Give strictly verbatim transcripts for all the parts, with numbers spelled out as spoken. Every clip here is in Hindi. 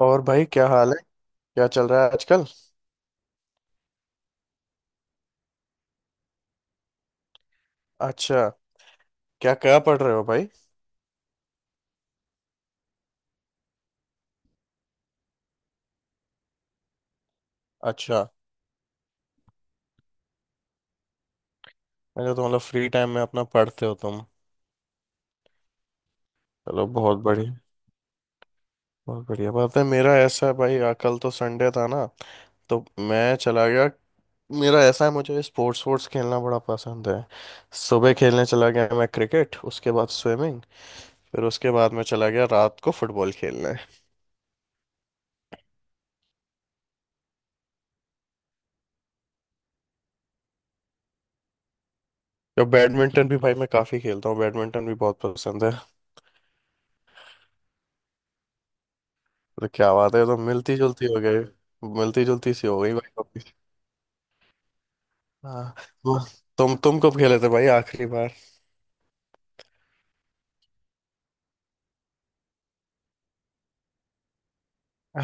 और भाई, क्या हाल है? क्या चल रहा है आजकल? अच्छा, क्या क्या पढ़ रहे हो भाई? अच्छा। मैंने तो मतलब फ्री टाइम में अपना पढ़ते हो तुम? चलो, बहुत बढ़िया। बहुत बढ़िया बात है। मेरा ऐसा है भाई, आ, कल तो संडे था ना, तो मैं चला गया। मेरा ऐसा है मुझे स्पोर्ट्स स्पोर्ट्स खेलना बड़ा पसंद है। सुबह खेलने चला गया मैं क्रिकेट, उसके बाद स्विमिंग, फिर उसके बाद मैं चला गया रात को फुटबॉल खेलने। तो बैडमिंटन भी भाई मैं काफ़ी खेलता हूँ, बैडमिंटन भी बहुत पसंद है। तो क्या बात है, तो मिलती जुलती हो गई। मिलती जुलती सी हो गई भाई कॉपी। हाँ। वो- तुम तुम कब खेले थे भाई आखिरी बार?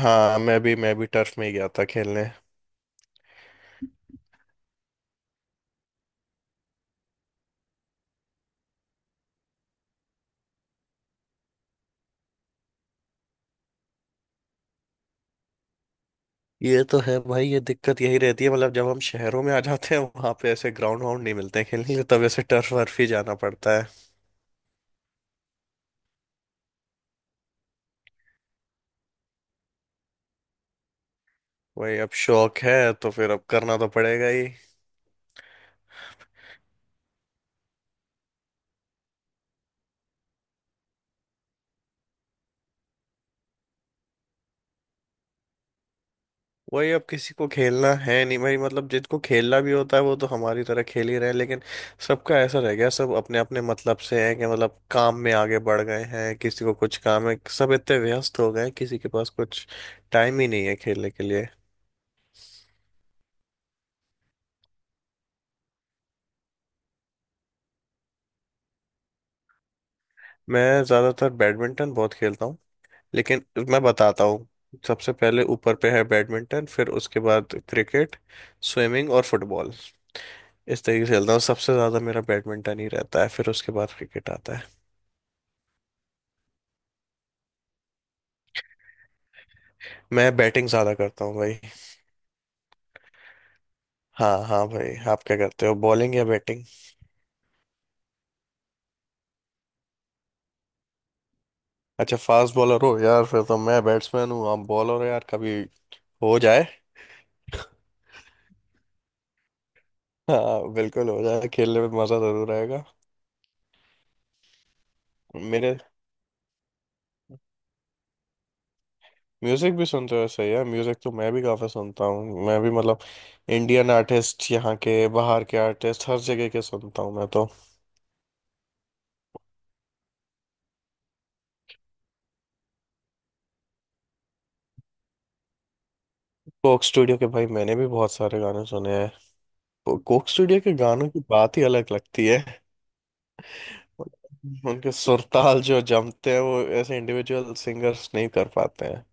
हाँ, मैं भी मैं भी टर्फ में ही गया था खेलने। ये तो है भाई, ये दिक्कत यही रहती है मतलब जब हम शहरों में आ जाते हैं वहां पे ऐसे ग्राउंड वाउंड नहीं मिलते हैं खेलने के लिए, तब ऐसे टर्फ वर्फ ही जाना पड़ता है। वही, अब शौक है तो फिर अब करना तो पड़ेगा ही। वही अब किसी को खेलना है नहीं भाई, मतलब जिनको खेलना भी होता है वो तो हमारी तरह खेल ही रहे हैं, लेकिन सबका ऐसा रह गया सब अपने अपने मतलब से हैं कि मतलब काम में आगे बढ़ गए हैं, किसी को कुछ काम है, सब इतने व्यस्त हो गए हैं किसी के पास कुछ टाइम ही नहीं है खेलने के लिए। मैं ज़्यादातर बैडमिंटन बहुत खेलता हूँ, लेकिन मैं बताता हूँ। सबसे पहले ऊपर पे है बैडमिंटन, फिर उसके बाद क्रिकेट, स्विमिंग और फुटबॉल। इस तरीके से खेलता हूँ, सबसे ज़्यादा मेरा बैडमिंटन ही रहता है फिर उसके बाद क्रिकेट आता है। मैं बैटिंग ज्यादा करता हूँ भाई। हाँ हाँ भाई, आप क्या करते हो, बॉलिंग या बैटिंग? अच्छा, फास्ट बॉलर हो यार, फिर तो मैं बैट्समैन हूँ आप बॉलर हो यार, कभी हो जाए। हाँ बिल्कुल, हो जाए, खेलने में मजा जरूर आएगा। मेरे म्यूजिक भी सुनते हो, सही है। म्यूजिक तो मैं भी काफी सुनता हूँ, मैं भी मतलब इंडियन आर्टिस्ट, यहाँ के, बाहर के आर्टिस्ट हर जगह के सुनता हूँ मैं तो। कोक स्टूडियो के भाई मैंने भी बहुत सारे गाने सुने हैं, कोक स्टूडियो के गानों की बात ही अलग लगती है। उनके सुरताल जो जमते हैं वो ऐसे इंडिविजुअल सिंगर्स नहीं कर पाते हैं।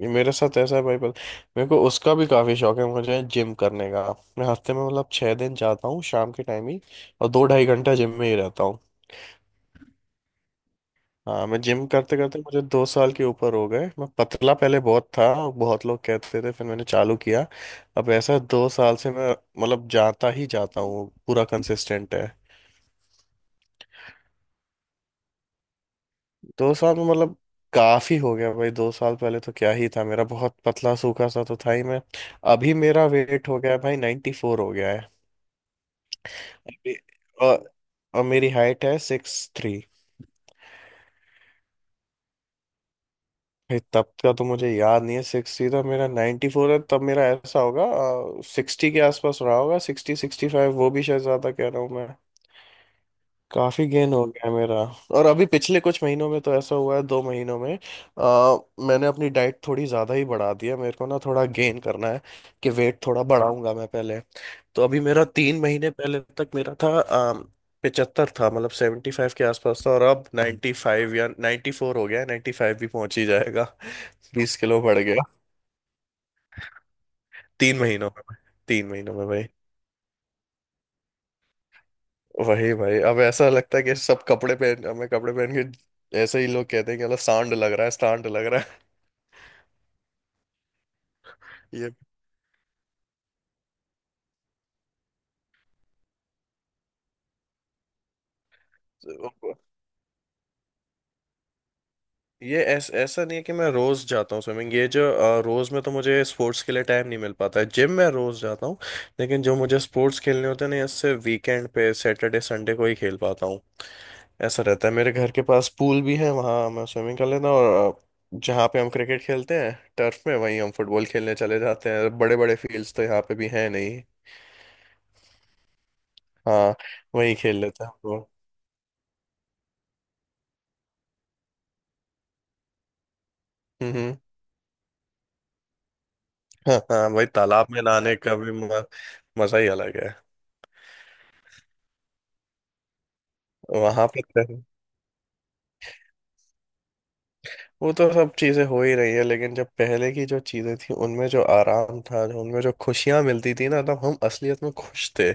ये मेरे साथ ऐसा है भाई, पर मेरे को उसका भी काफी शौक है, मुझे जिम करने का। मैं हफ्ते में मतलब छह दिन जाता हूँ शाम के टाइम ही, और दो ढाई घंटा जिम में ही रहता हूँ। हाँ मैं जिम करते करते मुझे दो साल के ऊपर हो गए। मैं पतला पहले बहुत था और बहुत लोग कहते थे, फिर मैंने चालू किया। अब ऐसा दो साल से मैं मतलब जाता ही जाता हूँ, पूरा कंसिस्टेंट है। दो साल में मतलब काफी हो गया भाई। दो साल पहले तो क्या ही था मेरा, बहुत पतला सूखा सा तो था ही मैं। अभी मेरा वेट हो गया है भाई, नाइन्टी फोर हो गया है अभी। और, और मेरी हाइट है सिक्स थ्री। भाई तब का तो मुझे याद नहीं है। सिक्स थ्री था मेरा, नाइन्टी फोर है, तब मेरा ऐसा होगा सिक्सटी के आसपास रहा होगा, सिक्सटी सिक्सटी फाइव, वो भी शायद ज्यादा कह रहा हूँ मैं। काफी गेन हो गया मेरा। और अभी पिछले कुछ महीनों में तो ऐसा हुआ है, दो महीनों में, आ, मैंने अपनी डाइट थोड़ी ज्यादा ही बढ़ा दी है, मेरे को ना थोड़ा गेन करना है कि वेट थोड़ा बढ़ाऊंगा मैं पहले। तो अभी मेरा तीन महीने पहले तक मेरा था आ, सेवंटी फाइव था, मतलब सेवंटी फाइव के आसपास था, और अब नाइन्टी फाइव या नाइन्टी फोर हो गया है, नाइन्टी फाइव भी पहुंच ही जाएगा। बीस किलो बढ़ गया तीन महीनों में, तीन महीनों में भाई। वही भाई अब ऐसा लगता है कि सब कपड़े पहन मैं कपड़े पहन के ऐसे ही लोग कहते हैं कि मतलब सांड लग रहा है, सांड लग रहा। ये ये ऐस, ऐसा नहीं है कि मैं रोज जाता हूँ स्विमिंग। ये जो अ, रोज में तो मुझे स्पोर्ट्स के लिए टाइम नहीं मिल पाता है, जिम में रोज जाता हूँ, लेकिन जो मुझे स्पोर्ट्स खेलने होते हैं ना इससे वीकेंड पे सैटरडे संडे को ही खेल पाता हूँ। ऐसा रहता है, मेरे घर के पास पूल भी है वहाँ मैं स्विमिंग कर लेता हूँ, और अ, जहाँ पे हम क्रिकेट खेलते हैं टर्फ में, वहीं हम फुटबॉल खेलने चले जाते हैं, बड़े बड़े फील्ड्स तो यहाँ पे भी हैं नहीं। हाँ, वहीं खेल लेते हैं हम लोग। हम्म हम्म। हाँ हाँ, वही तालाब में नहाने का भी म- मजा ही अलग है। वहां पे तो- वो तो सब चीजें हो ही रही है लेकिन जब पहले की जो चीजें थी उनमें जो आराम था, जो उनमें जो खुशियां मिलती थी ना, तब हम असलियत में खुश थे।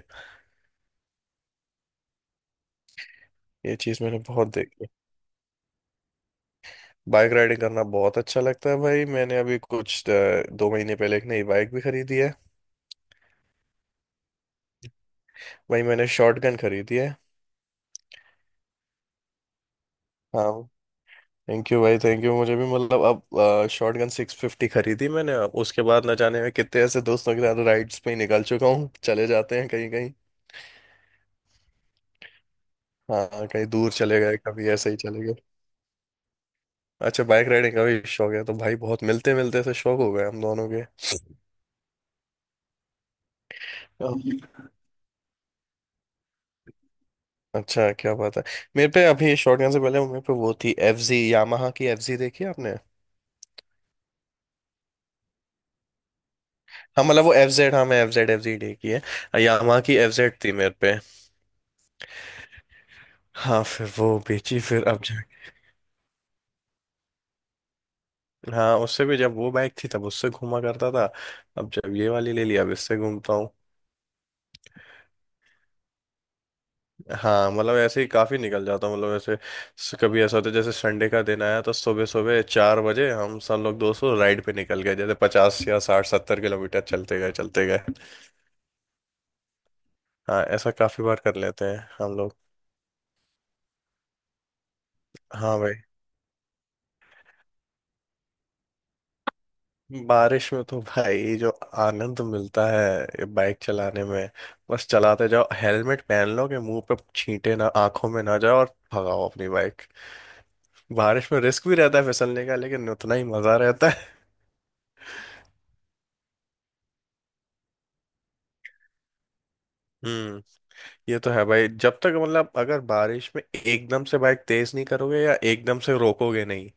ये चीज मैंने बहुत देखी। बाइक राइडिंग करना बहुत अच्छा लगता है भाई। मैंने अभी कुछ अ, दो महीने पहले एक नई बाइक भी खरीदी है। भाई मैंने शॉर्ट गन खरीदी है। हाँ, थैंक यू भाई, थैंक यू। मुझे भी मतलब, अब शॉर्ट गन सिक्स फिफ्टी खरीदी मैंने, अब उसके बाद न जाने में कितने ऐसे दोस्तों के साथ राइड्स पे ही निकल चुका हूँ, चले जाते हैं कहीं कहीं। हाँ, कहीं दूर चले गए, कभी ऐसे ही चले गए। अच्छा, बाइक राइडिंग का भी शौक है तो भाई, बहुत मिलते मिलते से शौक हो गए हम दोनों के। हम्म। अच्छा, क्या बात है। मेरे पे अभी शॉटगन से पहले मेरे पे वो थी एफ जी, यामाहा की एफ जी देखी है आपने? हाँ मतलब वो एफ जेड, हाँ मैं एफ जेड, एफ जी देखी है यामाहा की, एफ जेड थी मेरे पे। हाँ फिर वो बेची फिर अब जा- हाँ उससे भी जब वो बाइक थी तब उससे घूमा करता था, अब जब ये वाली ले लिया अब इससे घूमता हूँ। हाँ मतलब ऐसे ही काफी निकल जाता हूँ, मतलब ऐसे स- कभी ऐसा होता है जैसे संडे का दिन आया तो सुबह सुबह चार बजे हम सब लोग दोस्तों राइड पे निकल गए, जैसे पचास या साठ सत्तर किलोमीटर चलते गए चलते गए। हाँ ऐसा काफी बार कर लेते हैं हम लोग। हाँ भाई। बारिश में तो भाई जो आनंद मिलता है बाइक चलाने में, बस चलाते जाओ, हेलमेट पहन लो कि मुंह पे छींटे ना आंखों में ना जाए और भगाओ अपनी बाइक। बारिश में रिस्क भी रहता है फिसलने का, लेकिन उतना ही मजा रहता है। हम्म। ये तो है भाई, जब तक मतलब अगर बारिश में एकदम से बाइक तेज नहीं करोगे या एकदम से रोकोगे नहीं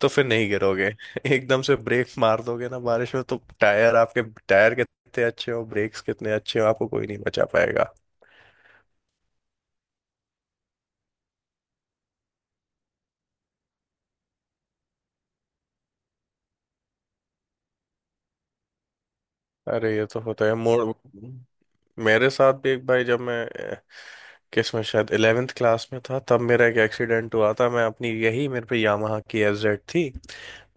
तो फिर नहीं गिरोगे। एकदम से ब्रेक मार दोगे ना बारिश में, तो टायर आपके, टायर कितने अच्छे हो, ब्रेक्स कितने अच्छे हो, आपको कोई नहीं बचा पाएगा। अरे, ये तो होता है मोड़। मेरे साथ भी एक भाई, जब मैं किस में शायद ग्यारहवीं क्लास में था तब मेरा एक एक्सीडेंट हुआ था। मैं अपनी यही मेरे पे यामाहा की एफ जेड थी,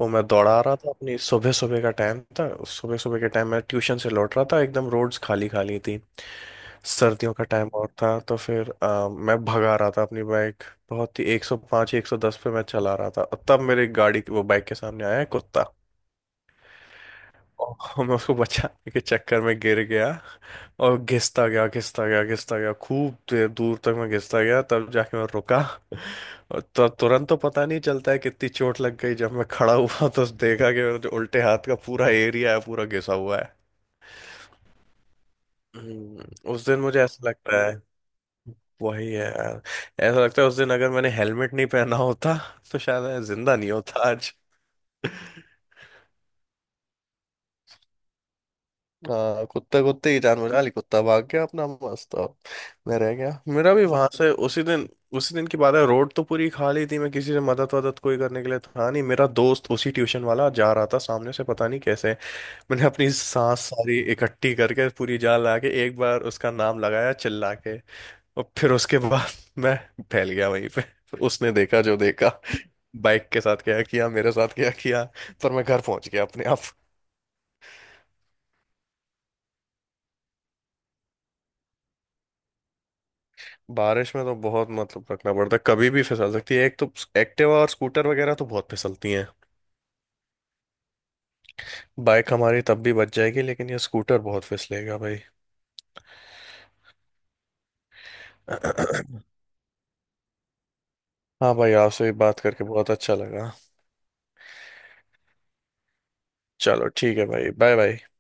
वो मैं दौड़ा रहा था अपनी, सुबह सुबह का टाइम था, सुबह सुबह के टाइम मैं ट्यूशन से लौट रहा था, एकदम रोड्स खाली खाली थी, सर्दियों का टाइम और था तो फिर अ, मैं भगा रहा था अपनी बाइक, बहुत ही एक सौ पाँच एक सौ दस पे मैं चला रहा था, और तब मेरी गाड़ी वो बाइक के सामने आया है कुत्ता, और मैं उसको बचाने के चक्कर में गिर गया, और घिसता गया घिसता गया घिसता गया खूब देर दूर तक मैं घिसता गया, तब जाके मैं रुका। और तो तुरंत तो पता नहीं चलता है कितनी चोट लग गई, जब मैं खड़ा हुआ तो देखा कि मेरे जो उल्टे हाथ का पूरा एरिया है पूरा घिसा हुआ है। हम्म, उस दिन मुझे ऐसा लगता है, वही है यार, ऐसा लगता है उस दिन अगर मैंने हेलमेट नहीं पहना होता तो शायद मैं जिंदा नहीं होता आज। हाँ, कुत्ते कुत्ते की जान बचा ली, कुत्ता भाग गया अपना मस्त, अब मैं रह गया। मेरा भी वहां से उसी दिन, उसी दिन की बात है। रोड तो पूरी खाली थी, मैं किसी से मदद वदद, कोई करने के लिए था नहीं, मेरा दोस्त उसी ट्यूशन वाला जा रहा था सामने से पता नहीं कैसे। मैंने अपनी सांस सारी इकट्ठी करके पूरी जान लगा के एक बार उसका नाम लगाया चिल्ला के, और फिर उसके बाद मैं फैल गया वहीं पे। उसने देखा जो देखा, बाइक के साथ क्या किया मेरे साथ क्या किया, पर मैं घर पहुंच गया अपने आप। बारिश में तो बहुत मतलब रखना पड़ता है, कभी भी फिसल सकती है, एक तो एक्टिवा और स्कूटर वगैरह तो बहुत फिसलती हैं। बाइक हमारी तब भी बच जाएगी, लेकिन ये स्कूटर बहुत फिसलेगा भाई। हाँ भाई आपसे भी बात करके बहुत अच्छा लगा। चलो ठीक है भाई, बाय बाय।